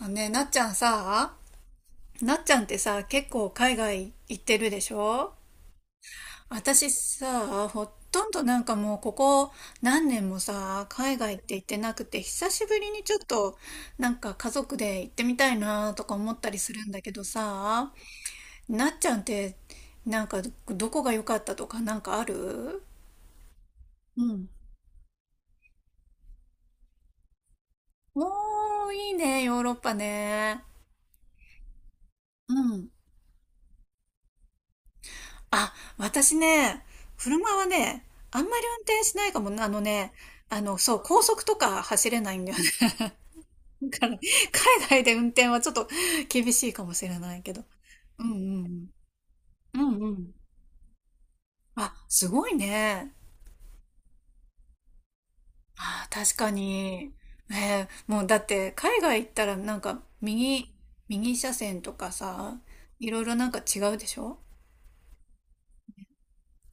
あね、なっちゃんってさ、結構海外行ってるでしょ？私さ、ほとんどなんかもうここ何年もさ、海外って行ってなくて、久しぶりにちょっとなんか家族で行ってみたいなとか思ったりするんだけどさ、なっちゃんってなんかどこが良かったとかなんかある？うん。おー、いいね、ヨーロッパね。うん。あ、私ね、車はね、あんまり運転しないかも。あのね、あの、そう、高速とか走れないんだよね。だから、海外で運転はちょっと厳しいかもしれないけど。うんうん。うん。うんうん。あ、すごいね。あー、確かに。ねえ、もうだって海外行ったらなんか右車線とかさ、いろいろなんか違うでしょ？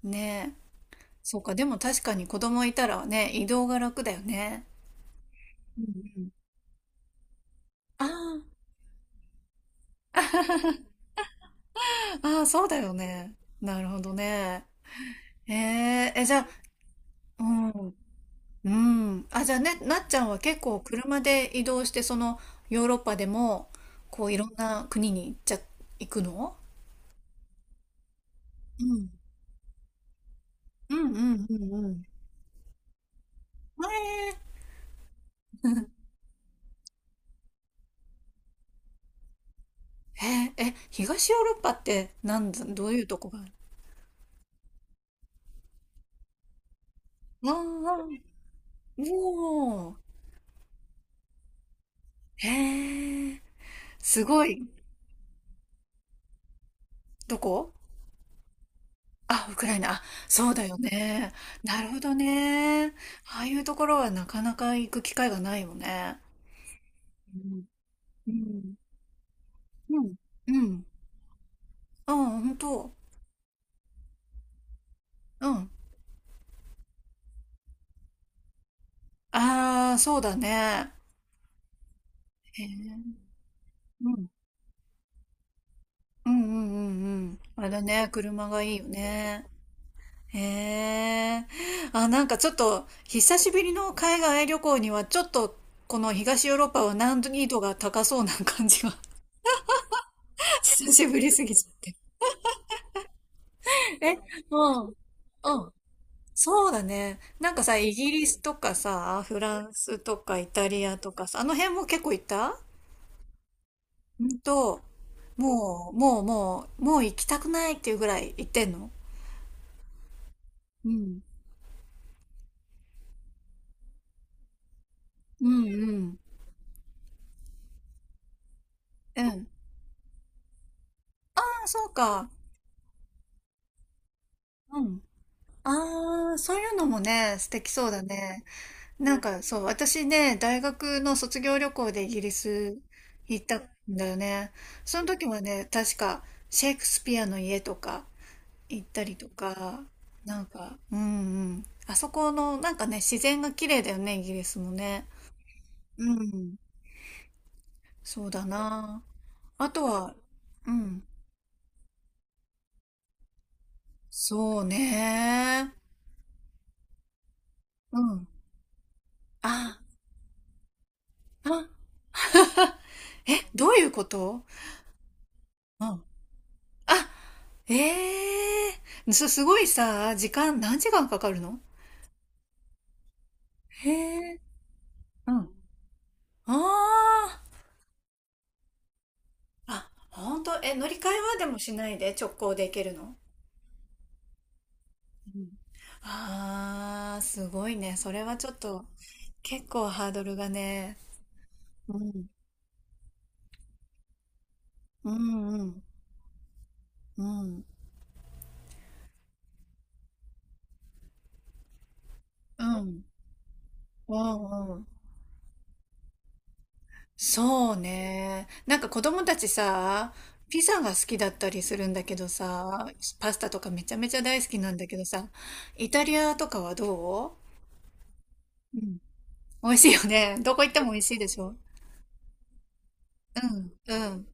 ねえ。そうか、でも確かに子供いたらね、移動が楽だよね。うんうん。ああ。ああ、そうだよね。なるほどね。えええ、じゃあ、うん、うん。あ、じゃあね、なっちゃんは結構車で移動して、そのヨーロッパでも、こういろんな国に行っちゃ、行くの？うん。うんうんうんうん。ええ へえ、え、東ヨーロッパってなんだ、どういうとこがある？ああ、おおー、へえ、すごい、どこ？あ、ウクライナ。あ、そうだよね。なるほどね。ああいうところはなかなか行く機会がないよね。うん。うん。うん。うん。あ、本当。うん。ああ、そうだね。へえ。うん。うんうんうんうん。あれだね。車がいいよね。へえ。あ、なんかちょっと、久しぶりの海外旅行には、ちょっと、この東ヨーロッパは難易度が高そうな感じが、久しぶりすぎちゃって。え、うん。うん。そうだね。なんかさ、イギリスとかさ、フランスとかイタリアとかさ、あの辺も結構行った？うんと、もう、もう、もう、もう行きたくないっていうぐらい行ってんの？うん。うん、うん。うん。ああ、そうか。うん。ああ、そういうのもね、素敵そうだね。なんかそう、私ね、大学の卒業旅行でイギリス行ったんだよね。その時はね、確かシェイクスピアの家とか、行ったりとか、なんか、うんうん。あそこの、なんかね、自然が綺麗だよね、イギリスもね。うん。そうだな。あとは、うん。そうね。うん。あ、あ、あえ、どういうこと？うん。あ、ええすごいさ、時間、何時間かかるの？へえ。うん。ああ。あ、ほんと、え、乗り換えはでもしないで直行で行けるの？うん？あーすごいね。それはちょっと、結構ハードルがね。うん。うん、うん、うん、うん、うん、うん。そうね。なんか子供たちさ、ピザが好きだったりするんだけどさ、パスタとかめちゃめちゃ大好きなんだけどさ、イタリアとかはどう？うん。美味しいよね。どこ行っても美味しいでしょ？うん、うん。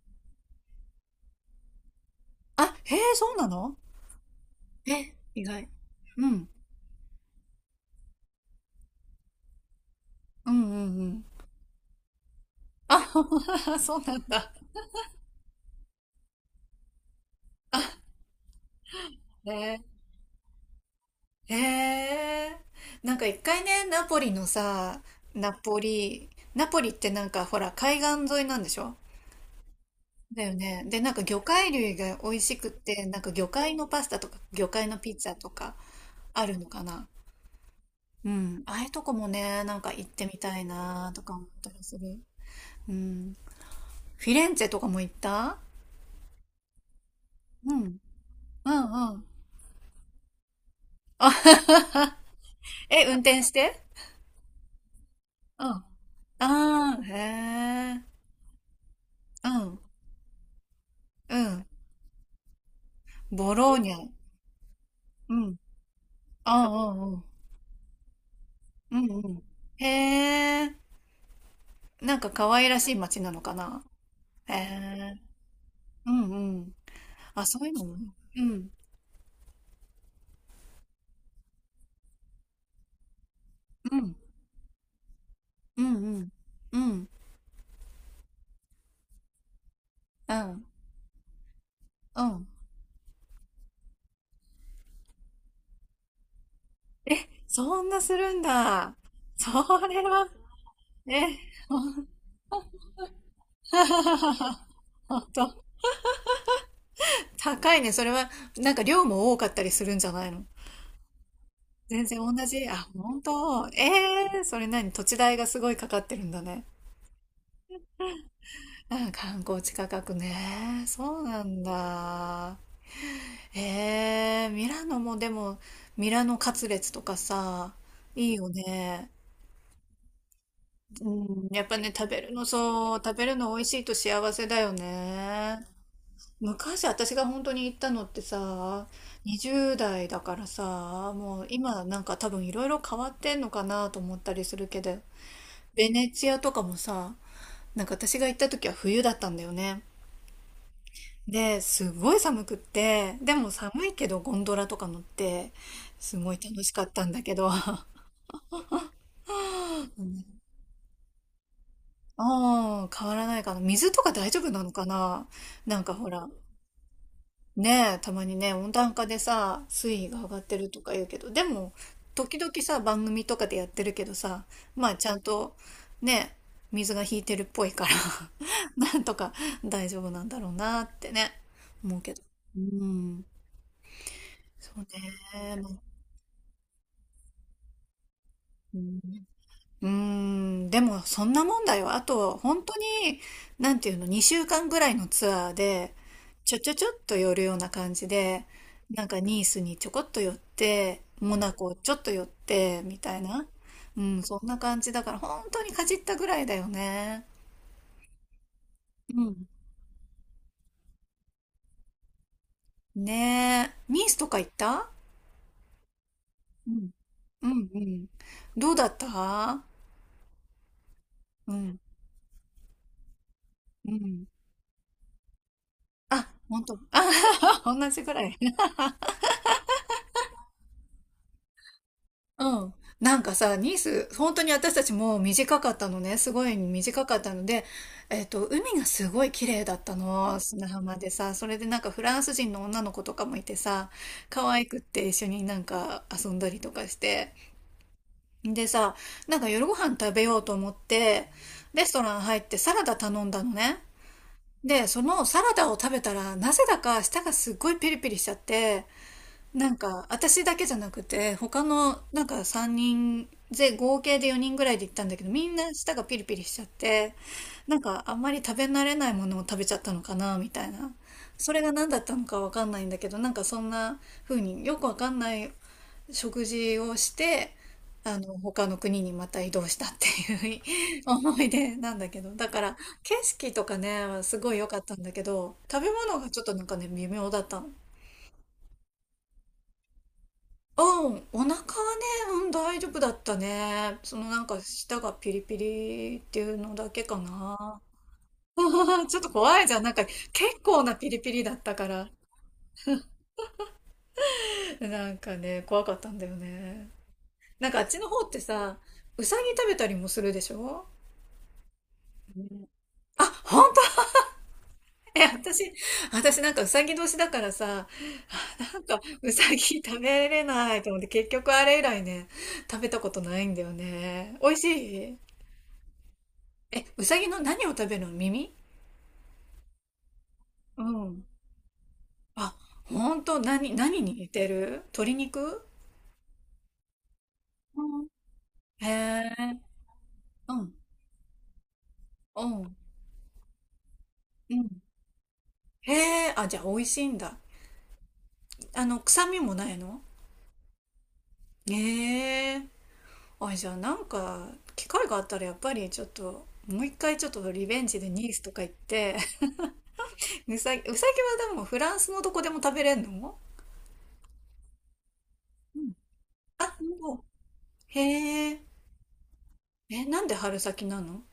あ、へえ、そうなの？え、意外。うん、うん、うん、うん。あ、そうなんだ。ね。へえ。なんか一回ね、ナポリのさ、ナポリ、ナポリってなんかほら海岸沿いなんでしょ？だよね。で、なんか魚介類が美味しくって、なんか魚介のパスタとか魚介のピッツァとかあるのかな。うん。ああいうとこもね、なんか行ってみたいなとか思ったりする。うん。フィレンツェとかも行った？うん。うんうん。あ え、運転して？うん。ああ、へえ。うん、うん。ボローニャ。うん。ああ、うんうん。うんうん。へえ。なんか可愛らしい街なのかな。へえ。うんうん。あ、そういうのもね。うん。うん。うんうん。うん。うん。うん。え、そんなするんだ。それは、え、ほん ほんと。高いね。それは、なんか量も多かったりするんじゃないの？全然同じ。あ、本当。ええー、それ何土地代がすごいかかってるんだね。あ、観光地価格ね。そうなんだ。ええー、ミラノもでも、ミラノカツレツとかさ、いいよね。うん、やっぱね、食べるの、そう、食べるの美味しいと幸せだよね。昔私が本当に行ったのってさ、20代だからさ、もう今なんか多分いろいろ変わってんのかなと思ったりするけど、ベネチアとかもさ、なんか私が行った時は冬だったんだよね。で、すごい寒くって、でも寒いけどゴンドラとか乗って、すごい楽しかったんだけど、ああ、変わらないかな。水とか大丈夫なのかな？なんかほら、ねえ、たまにね、温暖化でさ、水位が上がってるとか言うけど、でも、時々さ、番組とかでやってるけどさ、まあちゃんと、ね、水が引いてるっぽいから なんとか大丈夫なんだろうなってね、思うけど。うん、そうね、まあうんうーん、でもそんなもんだよ。あと、本当に、なんていうの、2週間ぐらいのツアーで、ちょっと寄るような感じで、なんかニースにちょこっと寄って、モナコちょっと寄って、みたいな。うん、そんな感じだから、本当にかじったぐらいだよね。うん。ねえ、ニースとか行った？うん。うんうん。どうだった？うん。うん。あ、本当。あ、同じぐらい。うん。なんかさ、ニース、本当に私たちも短かったのね。すごい短かったので、海がすごい綺麗だったの。砂浜でさ、それでなんかフランス人の女の子とかもいてさ、可愛くって一緒になんか遊んだりとかして。でさ、なんか夜ご飯食べようと思って、レストラン入ってサラダ頼んだのね。で、そのサラダを食べたら、なぜだか舌がすっごいピリピリしちゃって、なんか私だけじゃなくて他のなんか3人で合計で4人ぐらいで行ったんだけど、みんな舌がピリピリしちゃって、なんかあんまり食べ慣れないものを食べちゃったのかなみたいな、それが何だったのかわかんないんだけど、なんかそんな風によくわかんない食事をして、あの他の国にまた移動したっていう 思い出なんだけど、だから景色とかねすごい良かったんだけど、食べ物がちょっとなんかね微妙だったの。うん、お腹はね、うん、大丈夫だったね。そのなんか舌がピリピリっていうのだけかな。ちょっと怖いじゃん。なんか結構なピリピリだったから。なんかね、怖かったんだよね。なんかあっちの方ってさ、うさぎ食べたりもするでしょ？あ、本当？え、私なんかうさぎ年だからさ、なんかうさぎ食べれないと思って結局あれ以来ね、食べたことないんだよね。美味しい？え、うさぎの何を食べるの？耳？うん。あ、ほんと、何に似てる？鶏肉？うん？へえ、うん、うん、うん。へえ、あ、じゃあ美味しいんだ。あの、臭みもないの？へえ、あ、じゃあなんか、機会があったらやっぱりちょっと、もう一回ちょっとリベンジでニースとか行って、うさぎはでもフランスのどこでも食べれんの？うん。あ、もう、へえ、え、なんで春先なの？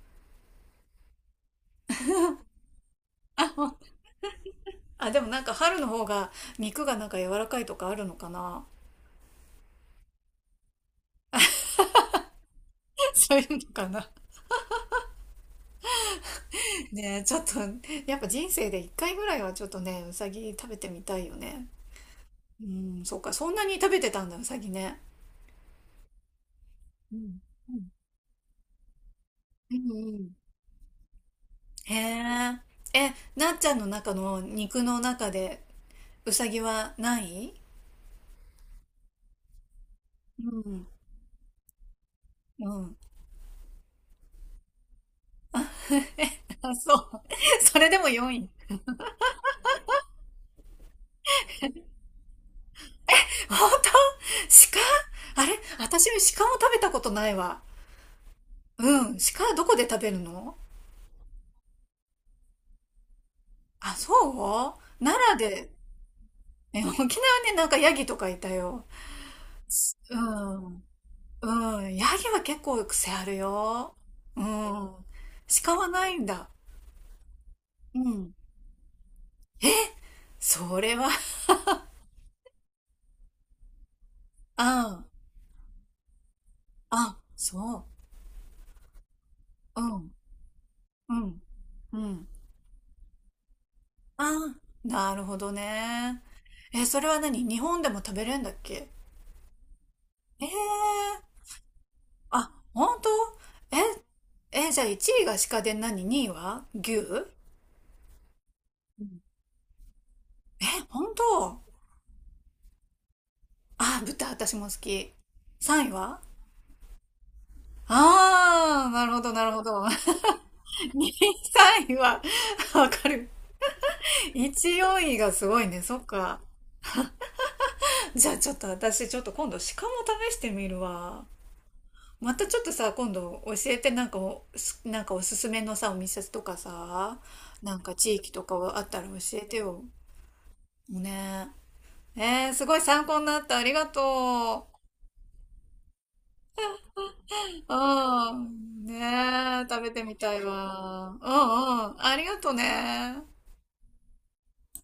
あ、あ、でもなんか春の方が肉がなんか柔らかいとかあるのかな？ そういうのかな。ねえ、ちょっと、やっぱ人生で一回ぐらいはちょっとね、うさぎ食べてみたいよね。うん、そうか、そんなに食べてたんだ、うさぎね。うん。うん。うんうん。へえ。え、なっちゃんの中の肉の中で、うさぎはない？うん。うん。あ、そう。それでも4位。本当？鹿？あれ私も鹿も食べたことないわ。うん。鹿はどこで食べるの？あ、そう奈良で？ね、沖縄ね、なんかヤギとかいたよ。うん。うん。ヤギは結構癖あるよ。うん。鹿はないんだ。うん。それは、あん。あ、そう。うん。うん。うん。ああ、なるほどね。え、それは何日本でも食べれるんだっけ？ええー、あ、本当？え、え、じゃあ1位が鹿で何？ 2 位は牛？うん？え、本当？あ、豚、私も好き。3位は？ああ、なるほど、なるほど。2位、3位は、わかる。1、4位がすごいね。そっか。じゃあちょっと私、ちょっと今度、鹿も試してみるわ。またちょっとさ、今度教えて、なんかおすすめのさ、お店とかさ、なんか地域とかあったら教えてよ。ねえ。すごい参考になった。ありがとう。うん。ねえ、食べてみたいわ。うんうん。ありがとね。